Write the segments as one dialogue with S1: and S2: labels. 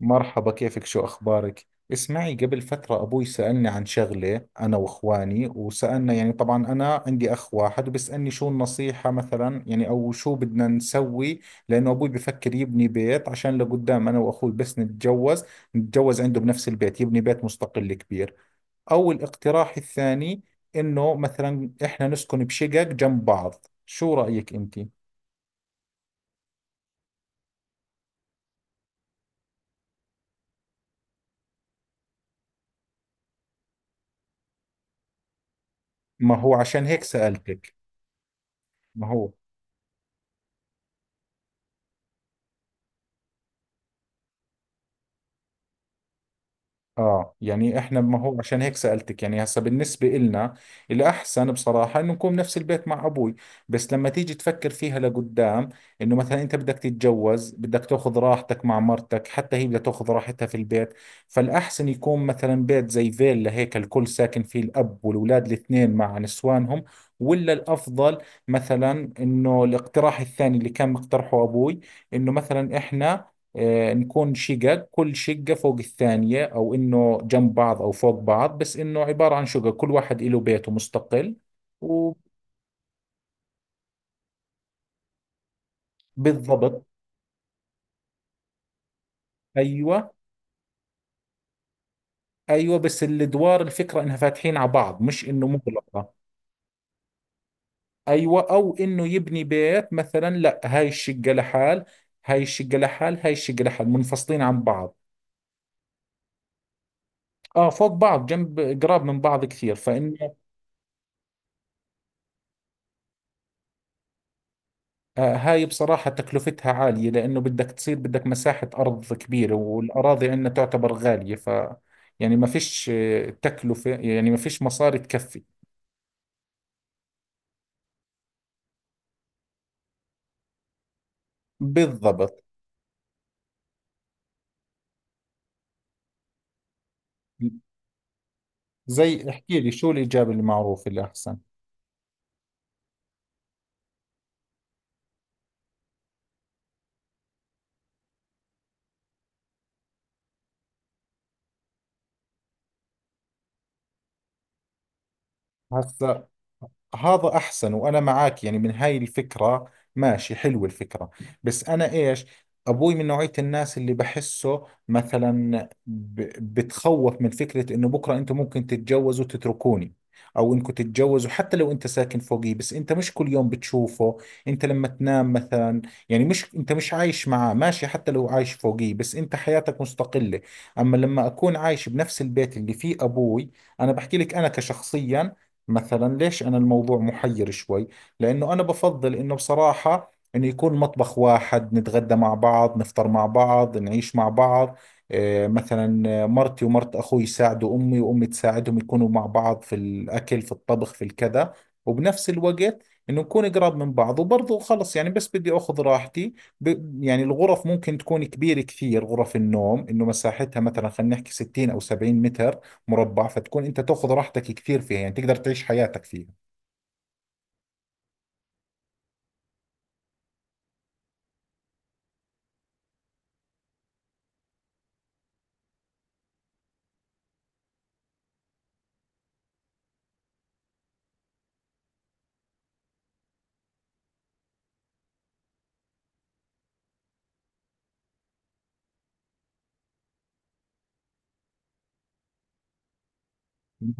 S1: مرحبا، كيفك؟ شو أخبارك؟ اسمعي، قبل فترة أبوي سألني عن شغلة أنا وإخواني، وسألنا، يعني طبعا أنا عندي أخ واحد، وبسألني شو النصيحة مثلا، يعني أو شو بدنا نسوي. لأنه أبوي بفكر يبني بيت عشان لقدام أنا وأخوي بس نتجوز عنده بنفس البيت، يبني بيت مستقل كبير. أو الاقتراح الثاني، إنه مثلا إحنا نسكن بشقق جنب بعض. شو رأيك أنت؟ ما هو عشان هيك سألتك. ما هو اه يعني احنا، ما هو عشان هيك سألتك. يعني هسا بالنسبة إلنا الأحسن بصراحة إنه نكون بنفس البيت مع أبوي، بس لما تيجي تفكر فيها لقدام، إنه مثلا أنت بدك تتجوز، بدك تاخذ راحتك مع مرتك، حتى هي بدها تاخذ راحتها في البيت. فالأحسن يكون مثلا بيت زي فيلا هيك الكل ساكن فيه، الأب والأولاد الاثنين مع نسوانهم، ولا الأفضل مثلا إنه الاقتراح الثاني اللي كان مقترحه أبوي، إنه مثلا إحنا نكون شقق، كل شقة فوق الثانية، أو إنه جنب بعض أو فوق بعض، بس إنه عبارة عن شقق كل واحد له بيته مستقل. وبالضبط. أيوة، أيوة، بس الأدوار الفكرة إنها فاتحين على بعض، مش إنه مغلقة. أيوة. أو إنه يبني بيت مثلا، لا، هاي الشقة لحال، هاي الشقة لحال، هاي الشقة لحال، منفصلين عن بعض. آه، فوق بعض، جنب، قراب من بعض كثير، فإنه هاي بصراحة تكلفتها عالية، لأنه بدك تصير بدك مساحة أرض كبيرة، والأراضي عندنا تعتبر غالية. ف ما فيش تكلفة، يعني ما فيش مصاري تكفي. بالضبط. زي احكي لي شو الإجابة المعروفة الأحسن. هسا هذا احسن، وانا معك يعني من هاي الفكره، ماشي، حلوه الفكره. بس انا ايش، ابوي من نوعيه الناس اللي بحسه مثلا بتخوف من فكره انه بكره انتم ممكن تتجوزوا وتتركوني، او انكم تتجوزوا حتى لو انت ساكن فوقي، بس انت مش كل يوم بتشوفه، انت لما تنام مثلا، يعني مش، انت مش عايش معاه. ماشي، حتى لو عايش فوقي، بس انت حياتك مستقله. اما لما اكون عايش بنفس البيت اللي فيه ابوي، انا بحكي لك انا كشخصيا، مثلا ليش أنا الموضوع محير شوي، لأنه أنا بفضل إنه بصراحة إنه يكون مطبخ واحد، نتغدى مع بعض، نفطر مع بعض، نعيش مع بعض، مثلا مرتي ومرت أخوي يساعدوا أمي، وأمي تساعدهم، يكونوا مع بعض في الأكل، في الطبخ، في الكذا. وبنفس الوقت إنه نكون قراب من بعض، وبرضه خلص، يعني بس بدي أخذ راحتي. يعني الغرف ممكن تكون كبيرة كثير، غرف النوم إنه مساحتها مثلا خلينا نحكي 60 أو 70 متر مربع، فتكون انت تاخذ راحتك كثير فيها، يعني تقدر تعيش حياتك فيها.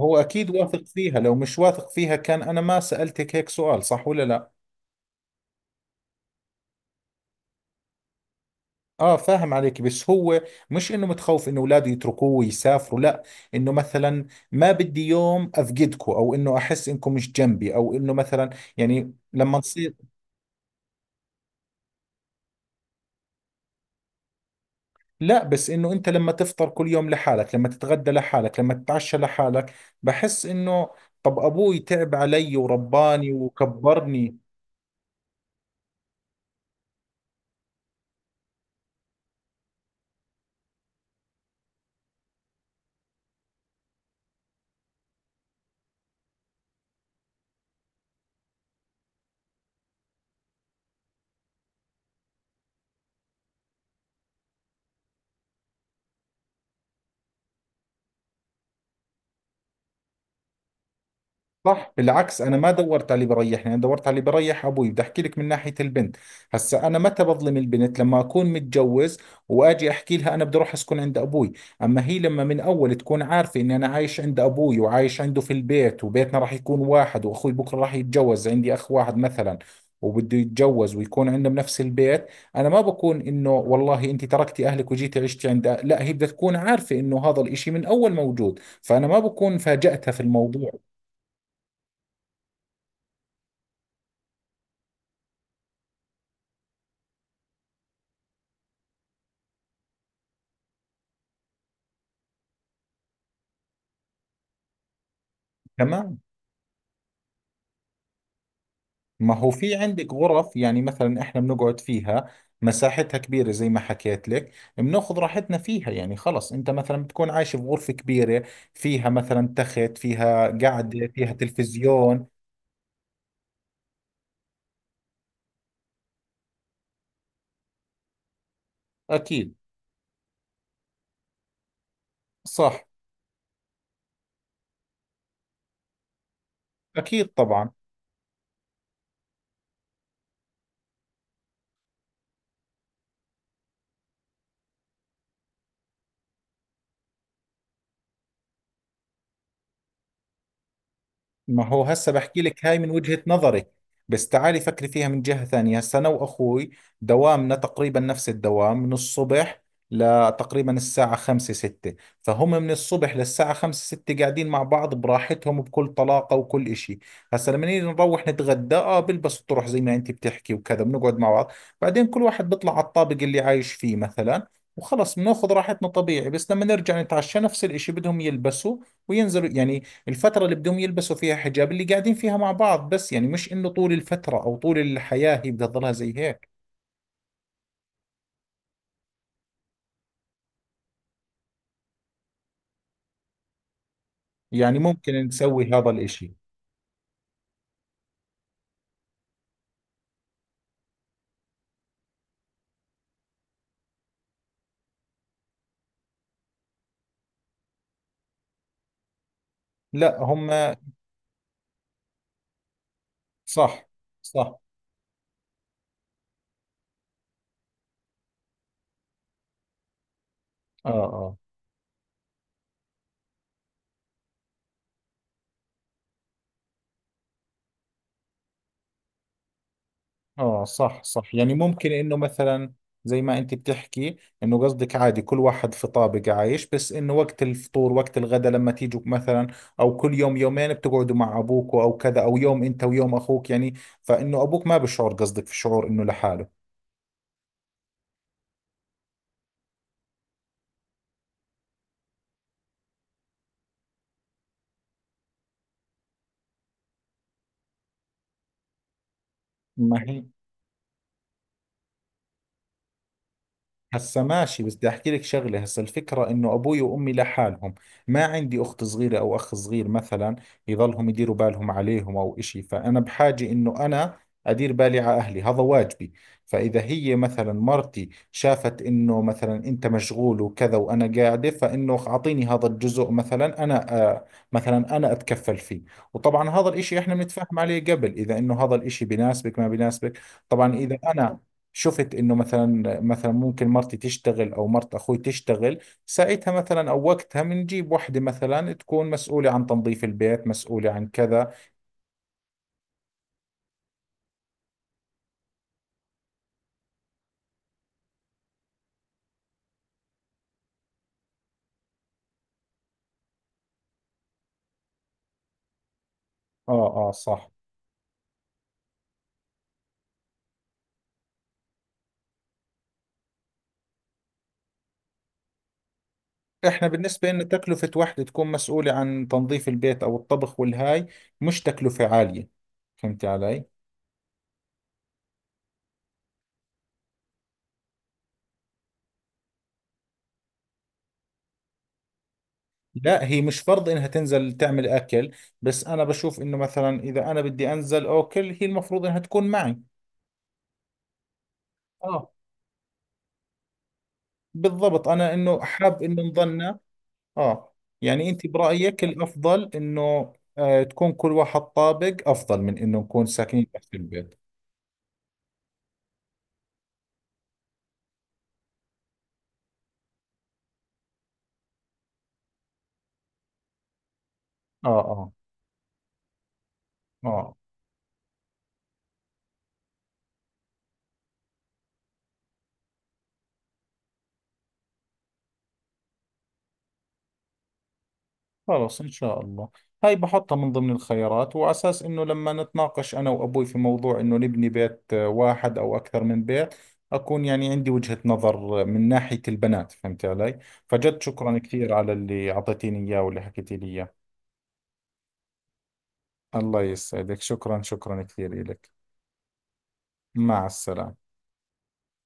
S1: هو اكيد واثق فيها، لو مش واثق فيها كان انا ما سألتك هيك سؤال، صح ولا لا؟ اه، فاهم عليك، بس هو مش انه متخوف انه اولاده يتركوه ويسافروا، لا، انه مثلا ما بدي يوم افقدكم، او انه احس انكم مش جنبي، او انه مثلا يعني لما تصير. لا، بس انه انت لما تفطر كل يوم لحالك، لما تتغدى لحالك، لما تتعشى لحالك، بحس انه، طب ابوي تعب علي ورباني وكبرني. صح، بالعكس، انا ما دورت على اللي بريحني، انا دورت على اللي بريح ابوي. بدي احكي لك من ناحيه البنت، هسا انا متى بظلم البنت؟ لما اكون متجوز واجي احكي لها انا بدي اروح اسكن عند ابوي، اما هي لما من اول تكون عارفه اني انا عايش عند ابوي وعايش عنده في البيت، وبيتنا راح يكون واحد، واخوي بكره راح يتجوز، عندي اخ واحد مثلا، وبده يتجوز ويكون عندنا بنفس البيت، انا ما بكون انه والله انت تركتي اهلك وجيتي عشتي عند لا، هي بدها تكون عارفه انه هذا الاشي من اول موجود، فانا ما بكون فاجأتها في الموضوع. تمام. ما هو في عندك غرف، يعني مثلا احنا بنقعد فيها، مساحتها كبيرة زي ما حكيت لك، بناخذ راحتنا فيها، يعني خلص انت مثلا بتكون عايش في غرفة كبيرة، فيها مثلا تخت، فيها قعدة، فيها تلفزيون. اكيد. صح. اكيد طبعا. ما هو هسه بحكي لك هاي من وجهة نظري، بس تعالي فكري فيها من جهة ثانية. هسه أنا وأخوي دوامنا تقريبا نفس الدوام، من الصبح لتقريبا الساعة خمسة ستة، فهم من الصبح للساعة خمسة ستة قاعدين مع بعض براحتهم، بكل طلاقة وكل إشي. هسه لما نيجي نروح نتغدى، آه بلبس الطرح زي ما أنت بتحكي وكذا، بنقعد مع بعض، بعدين كل واحد بيطلع على الطابق اللي عايش فيه مثلا، وخلص بناخذ راحتنا طبيعي. بس لما نرجع نتعشى نفس الإشي، بدهم يلبسوا وينزلوا، يعني الفترة اللي بدهم يلبسوا فيها حجاب اللي قاعدين فيها مع بعض، بس يعني مش انه طول الفترة او طول الحياة هي بدها تضلها زي هيك. يعني ممكن نسوي هذا الاشي. لا هم. صح، صح. اه، اه. اه، صح، صح، يعني ممكن انه مثلا زي ما انت بتحكي، انه قصدك عادي كل واحد في طابق عايش، بس انه وقت الفطور وقت الغداء لما تيجوا مثلا، او كل يوم يومين بتقعدوا مع ابوك او كذا، او يوم انت ويوم اخوك يعني، فانه ابوك ما بشعر قصدك في شعور انه لحاله. ما هي. هسا ماشي، بس بدي احكي لك شغله، هسا الفكره انه ابوي وامي لحالهم، ما عندي اخت صغيره او اخ صغير مثلا يضلهم يديروا بالهم عليهم او اشي، فانا بحاجه انه انا ادير بالي على اهلي، هذا واجبي. فاذا هي مثلا مرتي شافت انه مثلا انت مشغول وكذا وانا قاعده، فانه اعطيني هذا الجزء مثلا، انا مثلا انا اتكفل فيه. وطبعا هذا الاشي احنا بنتفاهم عليه قبل، اذا انه هذا الاشي بناسبك ما بناسبك. طبعا اذا انا شفت انه مثلا، ممكن مرتي تشتغل او مرت اخوي تشتغل، ساعتها مثلا او وقتها بنجيب وحده مثلا تكون مسؤوله عن تنظيف البيت، مسؤوله عن كذا. اه، اه، صح. احنا بالنسبه انه تكلفه وحده تكون مسؤوله عن تنظيف البيت او الطبخ والهاي، مش تكلفه عاليه، فهمت علي. لا هي مش فرض انها تنزل تعمل اكل، بس انا بشوف انه مثلا اذا انا بدي انزل اكل هي المفروض انها تكون معي. اه. بالضبط، انا انه حاب انه نضلنا. اه. يعني انت برأيك الافضل انه تكون كل واحد طابق افضل من انه نكون ساكنين تحت البيت؟ اه، اه، اه. خلص ان شاء الله. هاي بحطها من ضمن الخيارات، وعلى اساس انه لما نتناقش انا وابوي في موضوع انه نبني بيت واحد او اكثر من بيت، اكون يعني عندي وجهة نظر من ناحية البنات، فهمت علي. فجد شكرا كثير على اللي اعطيتيني اياه واللي حكيتي لي اياه. الله يسعدك، شكرا، شكرا كثير لك. مع السلامة.